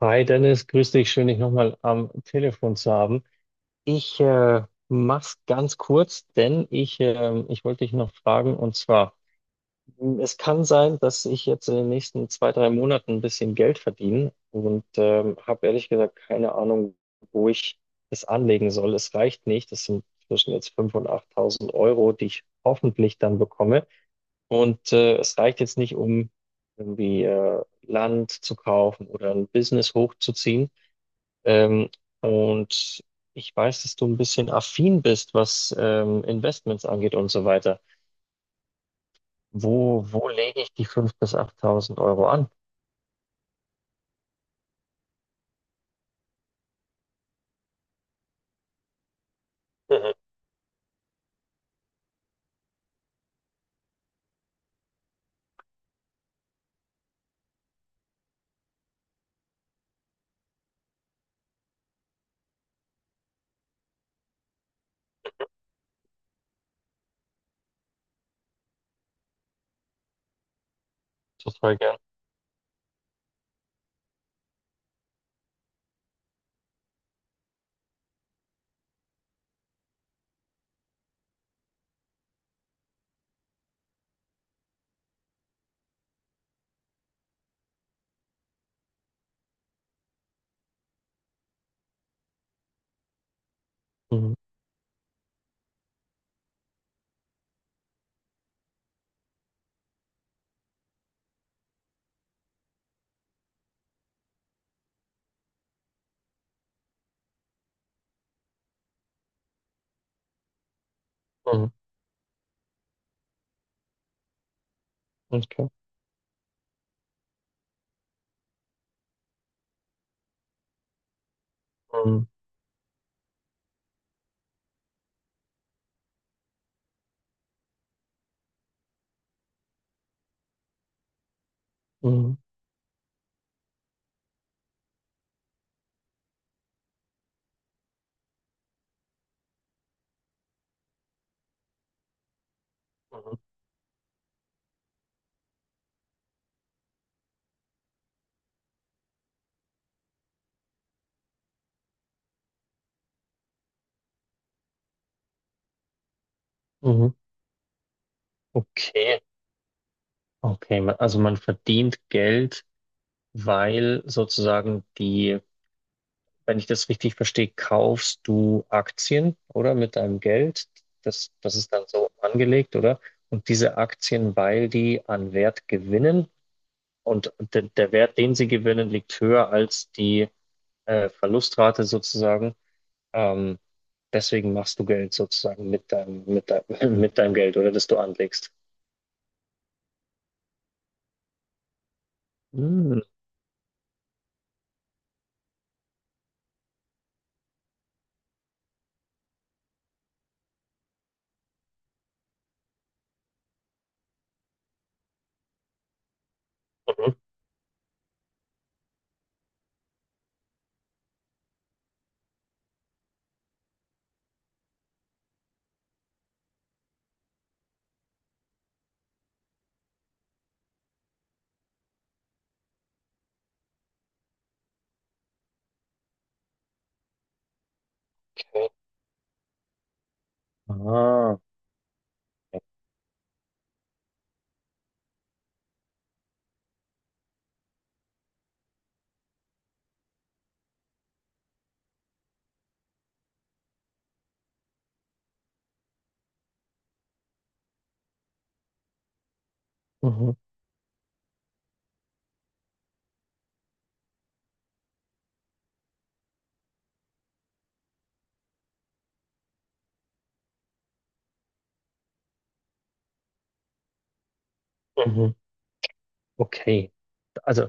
Hi Dennis, grüß dich. Schön, dich nochmal am Telefon zu haben. Ich mach's ganz kurz, denn ich wollte dich noch fragen, und zwar, es kann sein, dass ich jetzt in den nächsten zwei, drei Monaten ein bisschen Geld verdiene und habe ehrlich gesagt keine Ahnung, wo ich es anlegen soll. Es reicht nicht. Das sind zwischen jetzt 5.000 und 8.000 Euro, die ich hoffentlich dann bekomme. Und es reicht jetzt nicht, um irgendwie Land zu kaufen oder ein Business hochzuziehen, ähm, und ich weiß, dass du ein bisschen affin bist, was Investments angeht und so weiter. Wo lege ich die 5.000 bis achttausend Euro an? Mhm. Total gern. Mhm. Mhm. Okay. Mhm. Mhm. Mhm. Mhm. Okay. Okay, also man verdient Geld, weil sozusagen die, wenn ich das richtig verstehe, kaufst du Aktien, oder? Mit deinem Geld. Das ist dann so angelegt, oder? Und diese Aktien, weil die an Wert gewinnen und der Wert, den sie gewinnen, liegt höher als die Verlustrate sozusagen. Ähm, deswegen machst du Geld sozusagen mit deinem Geld, oder das du anlegst. Mm, okay. Ah. Mhm, mhm. Okay. Also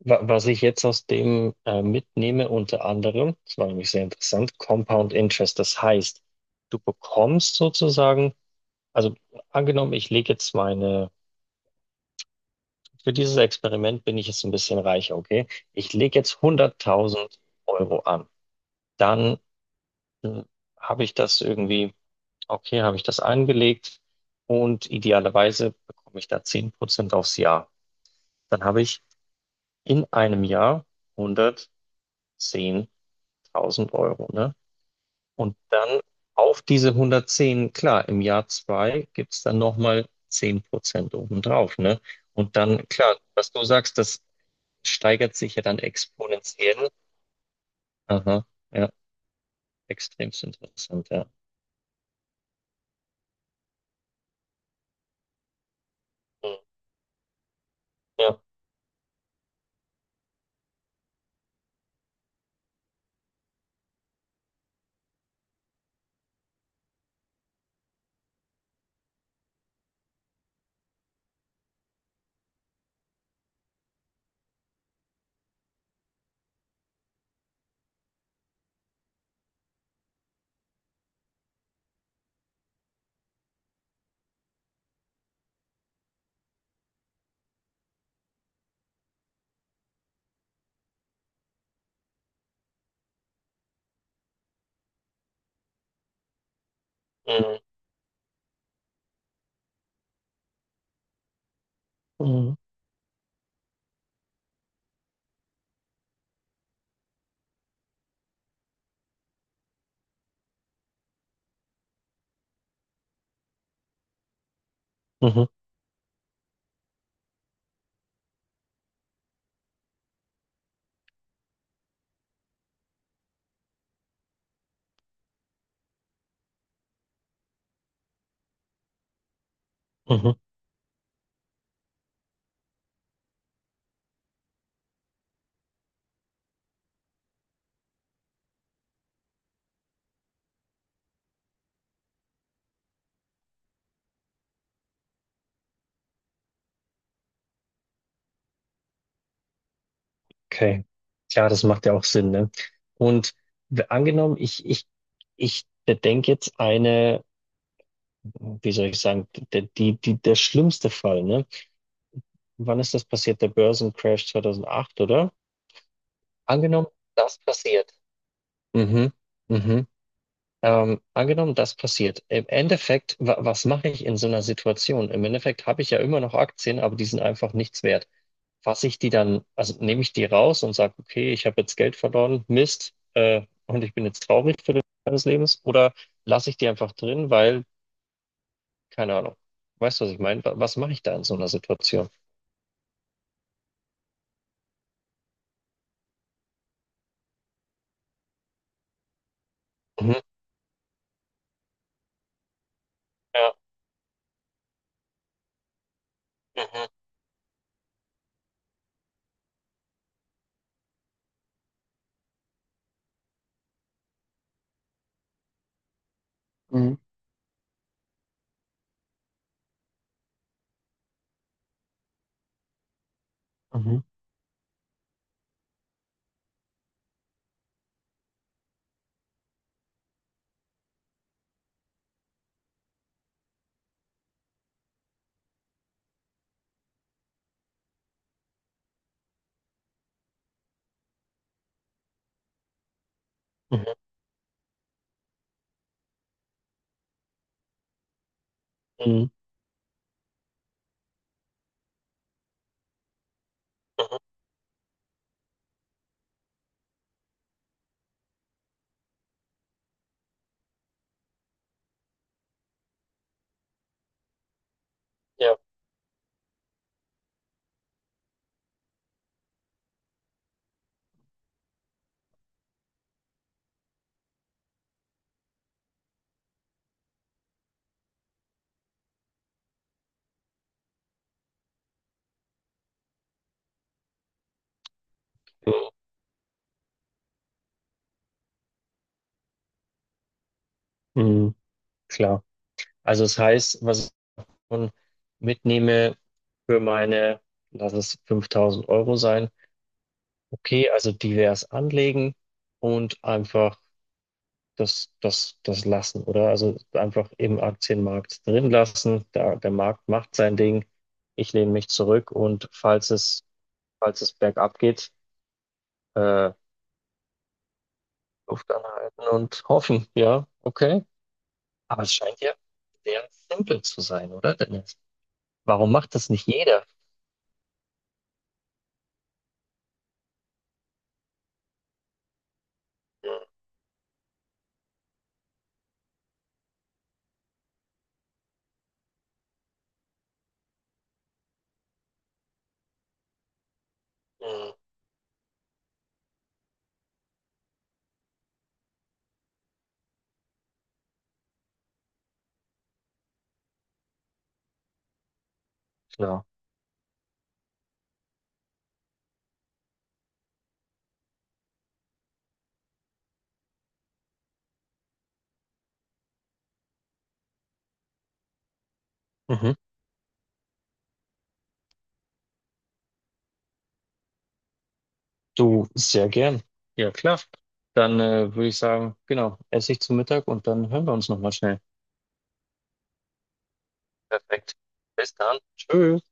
Was ich jetzt aus dem mitnehme, unter anderem, das war nämlich sehr interessant: Compound Interest. Das heißt, du bekommst sozusagen, also angenommen, ich lege jetzt für dieses Experiment bin ich jetzt ein bisschen reicher, okay? Ich lege jetzt 100.000 Euro an. Dann äh, habe ich das irgendwie, okay, habe ich das angelegt und idealerweise bekomme ich da 10% aufs Jahr. Dann habe ich in einem Jahr 110.000 Euro, ne? Und dann auf diese 110, klar, im Jahr 2 gibt es dann nochmal 10% obendrauf, ne? Und dann, klar, was du sagst, das steigert sich ja dann exponentiell. Aha, ja, extremst interessant, ja. Mhm. Ja. Mhm. Mhm. Mhm. Mhm. Okay. Klar, das macht ja auch Sinn, ne? Und angenommen, ich bedenke jetzt eine, wie soll ich sagen, der schlimmste Fall, ne? Wann ist das passiert? Der Börsencrash 2008, oder? Angenommen, das passiert. Mhm. Mhm. Angenommen, das passiert. Im Endeffekt, wa was mache ich in so einer Situation? Im Endeffekt habe ich ja immer noch Aktien, aber die sind einfach nichts wert. Fasse ich die dann, also nehme ich die raus und sage: okay, ich habe jetzt Geld verloren, Mist, und ich bin jetzt traurig für den Rest meines Lebens, oder lasse ich die einfach drin, weil, keine Ahnung, weißt du, was ich meine? Wa was mache ich da in so einer Situation? Mhm. Ja. Mhm. Mhm. Mhm. Mhm. Mhm. Mhm. Ja. Mhm, klar. Also es heißt, was ich schon mitnehme für meine, lass es 5.000 Euro sein, okay, also divers anlegen und einfach das lassen, oder? Also einfach im Aktienmarkt drin lassen, da, der Markt macht sein Ding, ich lehne mich zurück und falls es bergab geht, äh, Luft anhalten und hoffen, ja, okay. Aber es scheint ja sehr simpel zu sein, oder? Warum macht das nicht jeder? Mhm. Klar. Mhm. Du, sehr gern. Ja, klar. Dann würde ich sagen, genau, esse ich zu Mittag und dann hören wir uns nochmal schnell. Perfekt. Bis dann. Tschüss.